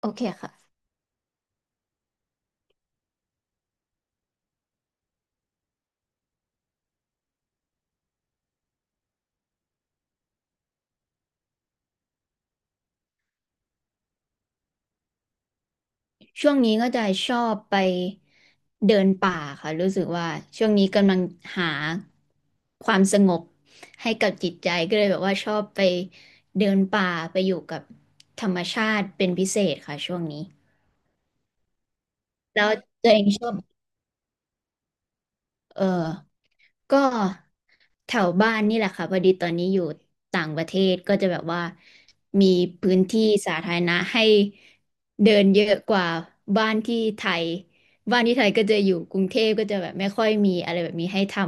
โอเคค่ะช่วงนี้ก็จะชอบไปเดินป่าค่ะรู้สึกว่าช่วงนี้กำลังหาความสงบให้กับจิตใจก็เลยแบบว่าชอบไปเดินป่าไปอยู่กับธรรมชาติเป็นพิเศษค่ะช่วงนี้แล้วตัวเองชอบเออ ก็แถวบ้านนี่แหละค่ะพอดีตอนนี้อยู่ต่างประเทศก็จะแบบว่ามีพื้นที่สาธารณะให้เดินเยอะกว่าบ้านที่ไทยบ้านที่ไทยก็จะอยู่กรุงเทพก็จะแบบไม่ค่อยมีอะไรแบบนี้ให้ทำ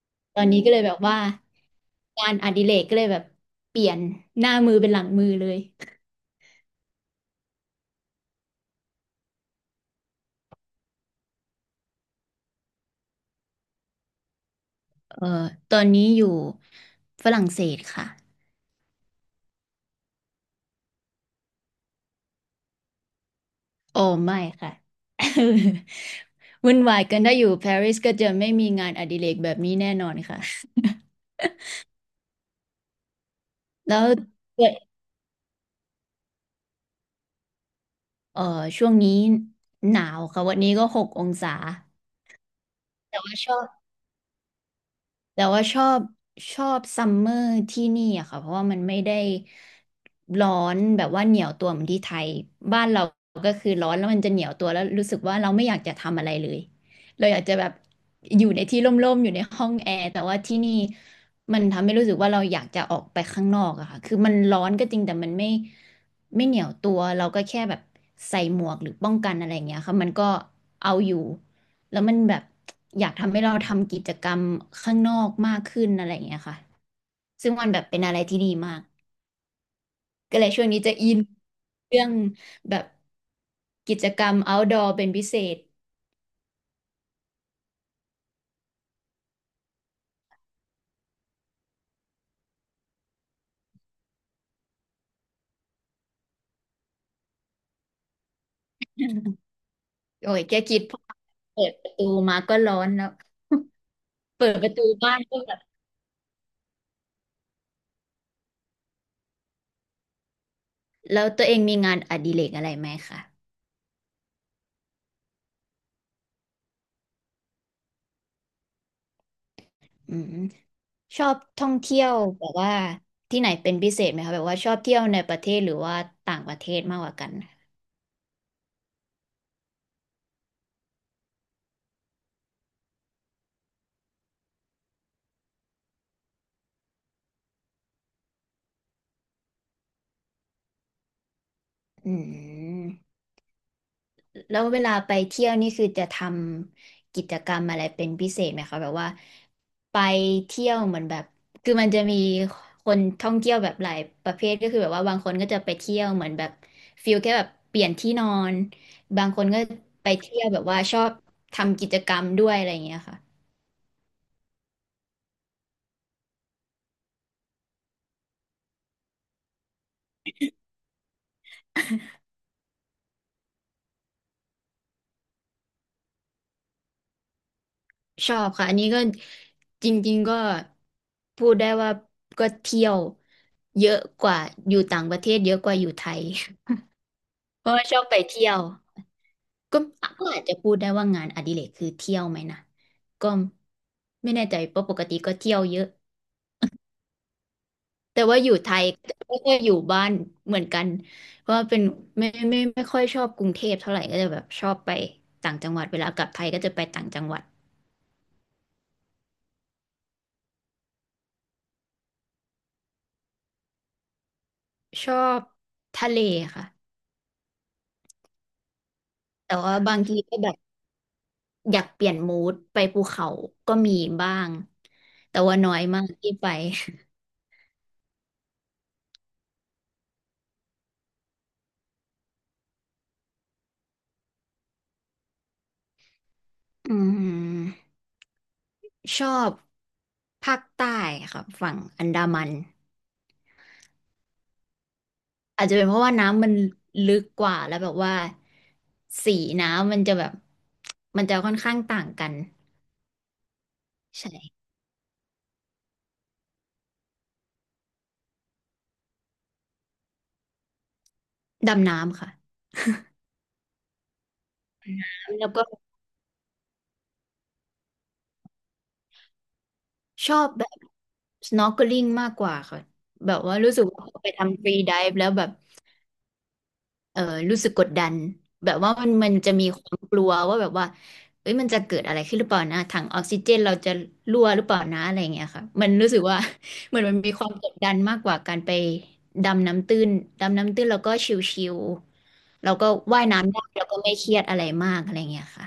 ตอนนี้ก็เลยแบบว่างานอดิเรกก็เลยแบบเปลี่ยนหน้ามือเป็นหลังมือเลยเอ่อตอนนี้อยู่ฝรั่งเศสค่ะ โอ้ไม่ค่ะ วุ่นวายกันถ้าอยู่ปารีสก็จะไม่มีงานอดิเรกแบบนี้แน่นอนค่ะ แล้วเอ่อช่วงนี้หนาวค่ะวันนี้ก็หกองศาแต่ว่าชอบ แต่ว่าชอบชอบซัมเมอร์ที่นี่อะค่ะเพราะว่ามันไม่ได้ร้อนแบบว่าเหนียวตัวเหมือนที่ไทยบ้านเราก็คือร้อนแล้วมันจะเหนียวตัวแล้วรู้สึกว่าเราไม่อยากจะทำอะไรเลยเราอยากจะแบบอยู่ในที่ร่มๆอยู่ในห้องแอร์แต่ว่าที่นี่มันทำให้รู้สึกว่าเราอยากจะออกไปข้างนอกอะค่ะคือมันร้อนก็จริงแต่มันไม่ ไม่เหนียวตัวเราก็แค่แบบใส่หมวกหรือป้องกันอะไรอย่างเงี้ยค่ะมันก็เอาอยู่แล้วมันแบบอยากทำให้เราทำกิจกรรมข้างนอกมากขึ้นอะไรอย่างเงี้ยค่ะซึ่งมันแบบเป็นอะไรที่ดีมากก็เลยช่วงนี้จะอินเรื่องแบบกิจกรรม outdoor เป็นพิเศษ โอ้ยแค่คิดพอเปิดประตูมาก็ร้อนแล้วเปิดประตูบ้านก็แบบแล้วตัวเองมีงานอดิเรกอะไรไหมคะ อืมชอบท่องเที่ยวแบบว่าที่ไหนเป็นพิเศษไหมคะแบบว่าชอบเที่ยวในประเทศหรือว่าต่างประเทศมากกว่ากันอืมแล้วเวลาไปเที่ยวนี่คือจะทำกิจกรรมอะไรเป็นพิเศษไหมคะแบบว่าไปเที่ยวเหมือนแบบคือมันจะมีคนท่องเที่ยวแบบหลายประเภทก็คือแบบว่าบางคนก็จะไปเที่ยวเหมือนแบบฟิลแค่แบบเปลี่ยนที่นอนบางคนก็ไปเที่ยวแบบว่าชอบทำกิจกรรมด้วยอะไรอย่างเงี้ยค่ะ ชอบค่ะอันนี้ก็จริงๆก็พูดได้ว่าก็เที่ยวเยอะกว่าอยู่ต่างประเทศเยอะกว่าอยู่ไทย เพราะว่าชอบไปเที่ยวก็ก็อาจจะพูดได้ว่างานอดิเรกคือเที่ยวไหมนะก็ไม่แน่ใจเพราะปกติก็เที่ยวเยอะแต่ว่าอยู่ไทยก็ค่อยอยู่บ้านเหมือนกันเพราะว่าเป็นไม่ค่อยชอบกรุงเทพเท่าไหร่ก็จะแบบชอบไปต่างจังหวัดเวลากลับไทยก็จะไปต่างจังหวัดชอบทะเลค่ะแต่ว่าบางทีก็แบบ อยากเปลี่ยนมูดไปภูเขาก็มีบ้างแต่ว่าน้อยมากที่ไปอืมชอบภาคใต้ครับฝั่งอันดามันอาจจะเป็นเพราะว่าน้ำมันลึกกว่าแล้วแบบว่าสีน้ำมันจะแบบมันจะค่อนข้างต่างกันใช่ดำน้ำค่ะแล้วก็ชอบแบบ snorkeling มากกว่าค่ะแบบว่ารู้สึกว่าพอไปทำฟรีไดฟ์แล้วแบบ เออรู้สึกกดดันแบบว่ามันจะมีความกลัวว่าแบบว่าเอ้ยมันจะเกิดอะไรขึ้นหรือเปล่านะถังออกซิเจนเราจะรั่วหรือเปล่านะอะไรอย่างเงี้ยค่ะมันรู้สึกว่า เหมือนมันมีความกดดันมากกว่าการไปดำน้ำตื้นดำน้ำตื้นแล้วก็ชิวๆแล้วก็ว่ายน้ำได้แล้วก็ไม่เครียดอะไรมากอะไรอย่างเงี้ยค่ะ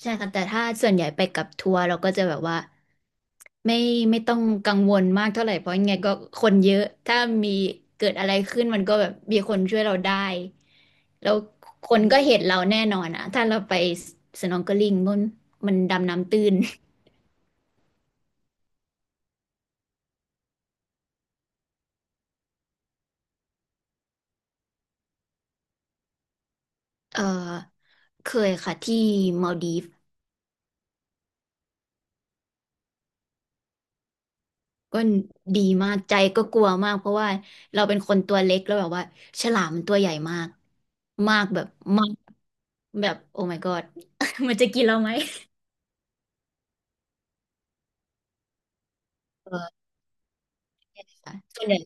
ใช่ค่ะแต่ถ้าส่วนใหญ่ไปกับทัวร์เราก็จะแบบว่าไม่ไม่ต้องกังวลมากเท่าไหร่เพราะยังไงก็คนเยอะถ้ามีเกิดอะไรขึ้นมันก็แบบมีคนช่วยเราได้แล้วคนก็เห็นเราแน่นอนอะถ้าเราไปสนองเกอลิงมันดำน้ำตื้นเออเคยค่ะที่มาลดีฟ ก็ดีมากใจก็กลัวมากเพราะว่าเราเป็นคนตัวเล็กแล้วแบบว่าฉลามมันตัวใหญ่มากมากแบบมากแบบโอ้ my god มันจะกินเราไหมเออค่ะส่วนใหญ่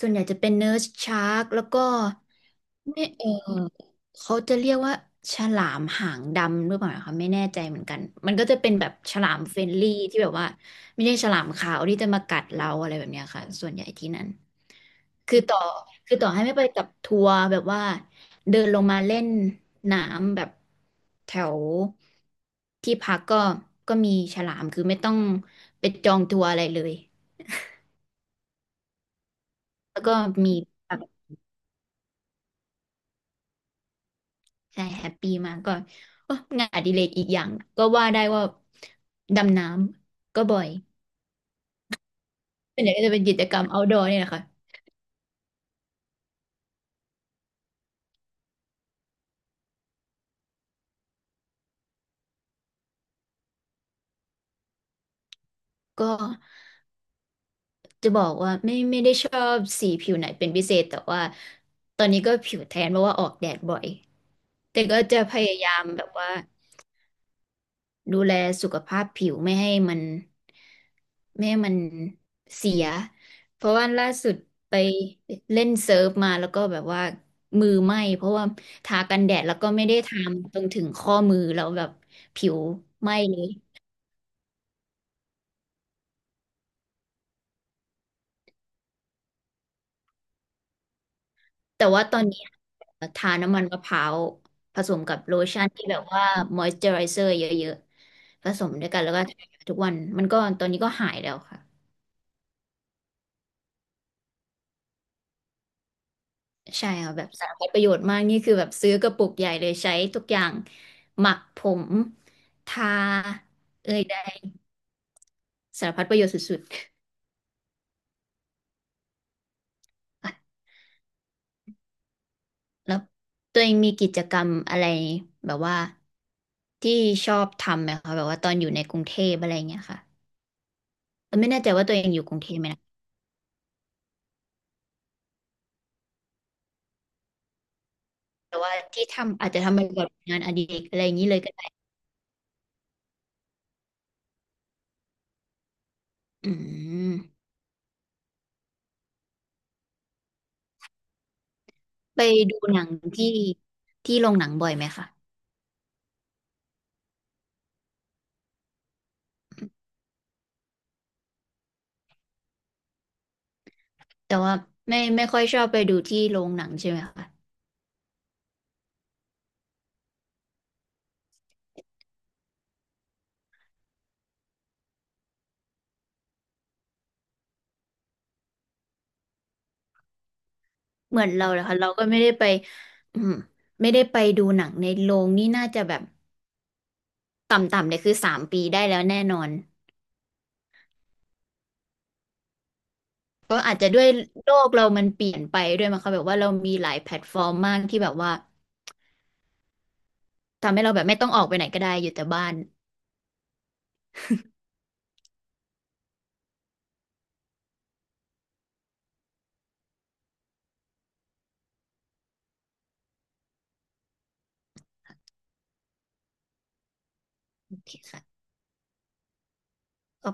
ส่วนใหญ่จะเป็นเนิร์สชาร์กแล้วก็ไม่เขาจะเรียกว่าฉลามหางดำหรือเปล่าคะไม่แน่ใจเหมือนกันมันก็จะเป็นแบบฉลามเฟรนลี่ที่แบบว่าไม่ใช่ฉลามขาวที่จะมากัดเราอะไรแบบเนี้ยค่ะส่วนใหญ่ที่นั่นคือต่อคือต่อให้ไม่ไปกับทัวร์แบบว่าเดินลงมาเล่นน้ำแบบแถวที่พักก็มีฉลามคือไม่ต้องไปจองทัวร์อะไรเลยแล้วก็มี ใช่แฮปปี้มากก็โอ้งานอดิเรกอีกอย่างก็ว่าได้ว่าดำน้ำก็บ่อยเป็นใหญ่างก็จะเป็นกิจกรรม outdoor เนี่ยแหละค่ะก็จะบอกว่าไม่ได้ชอบสีผิวไหนเป็นพิเศษแต่ว่าตอนนี้ก็ผิวแทนเพราะว่าออกแดดบ่อยแต่ก็จะพยายามแบบว่า ดูแลสุขภาพผิวไม่ให้มันเสียเพราะว่าล่าสุดไปเล่นเซิร์ฟมาแล้วก็แบบว่ามือไหม้เพราะว่าทากันแดดแล้วก็ไม่ได้ทาตรงถึงข้อมือแล้วแบบผิวไหม้เลยแต่ว่าตอนนี้ทาน้ำมันมะพร้าวผสมกับโลชั่นที่แบบว่าม o อยเจอไรเซอร์เยอะๆผสมด้วยกันแล้วก็ทาทุกวันมันก็ตอนนี้ก็หายแล้วค่ะ ใช่ค่ะแบบสารพัดประโยชน์มากนี่คือแบบซื้อกระปุกใหญ่เลยใช้ทุกอย่างหมักผมทาเอ่ยใดสารพัดประโยชน์สุดๆอ่ะแล้วตัวเองมีกิจกรรมอะไรแบบว่าที่ชอบทำไหมคะแบบว่าตอนอยู่ในกรุงเทพอะไรอย่างเงี้ยค่ะไม่แน่ใจว่าตัวเองอยู่กรุงเทพไหมนะแต่ว่าที่ทำอาจจะทำเป็นแบบงานอดิเรกอะไรอย่างนี้เลยก็ได้อืมไปดูหนังที่ที่โรงหนังบ่อยไหมคะแต่ว่าไม่ค่อยชอบไปดูที่โรงหนังใช่ไหมคะ เหมือนเราเลยค่ะเราก็ไม่ได้ไป อืมไม่ได้ไปดูหนังในโรงนี่น่าจะแบบต่ำๆเลยคือ3 ปีได้แล้วแน่นอนก็อาจจะด้วยโลกเรามันเปลี่ยนไปด้วยมั้งคะแบบว่าเรามีหลายแพลตฟอร์มมากที่แบบว่าทำให้เราแบบไม่ต้องออกไปไหนก็ได้อยู่แต่บ้านโอเคค่ะ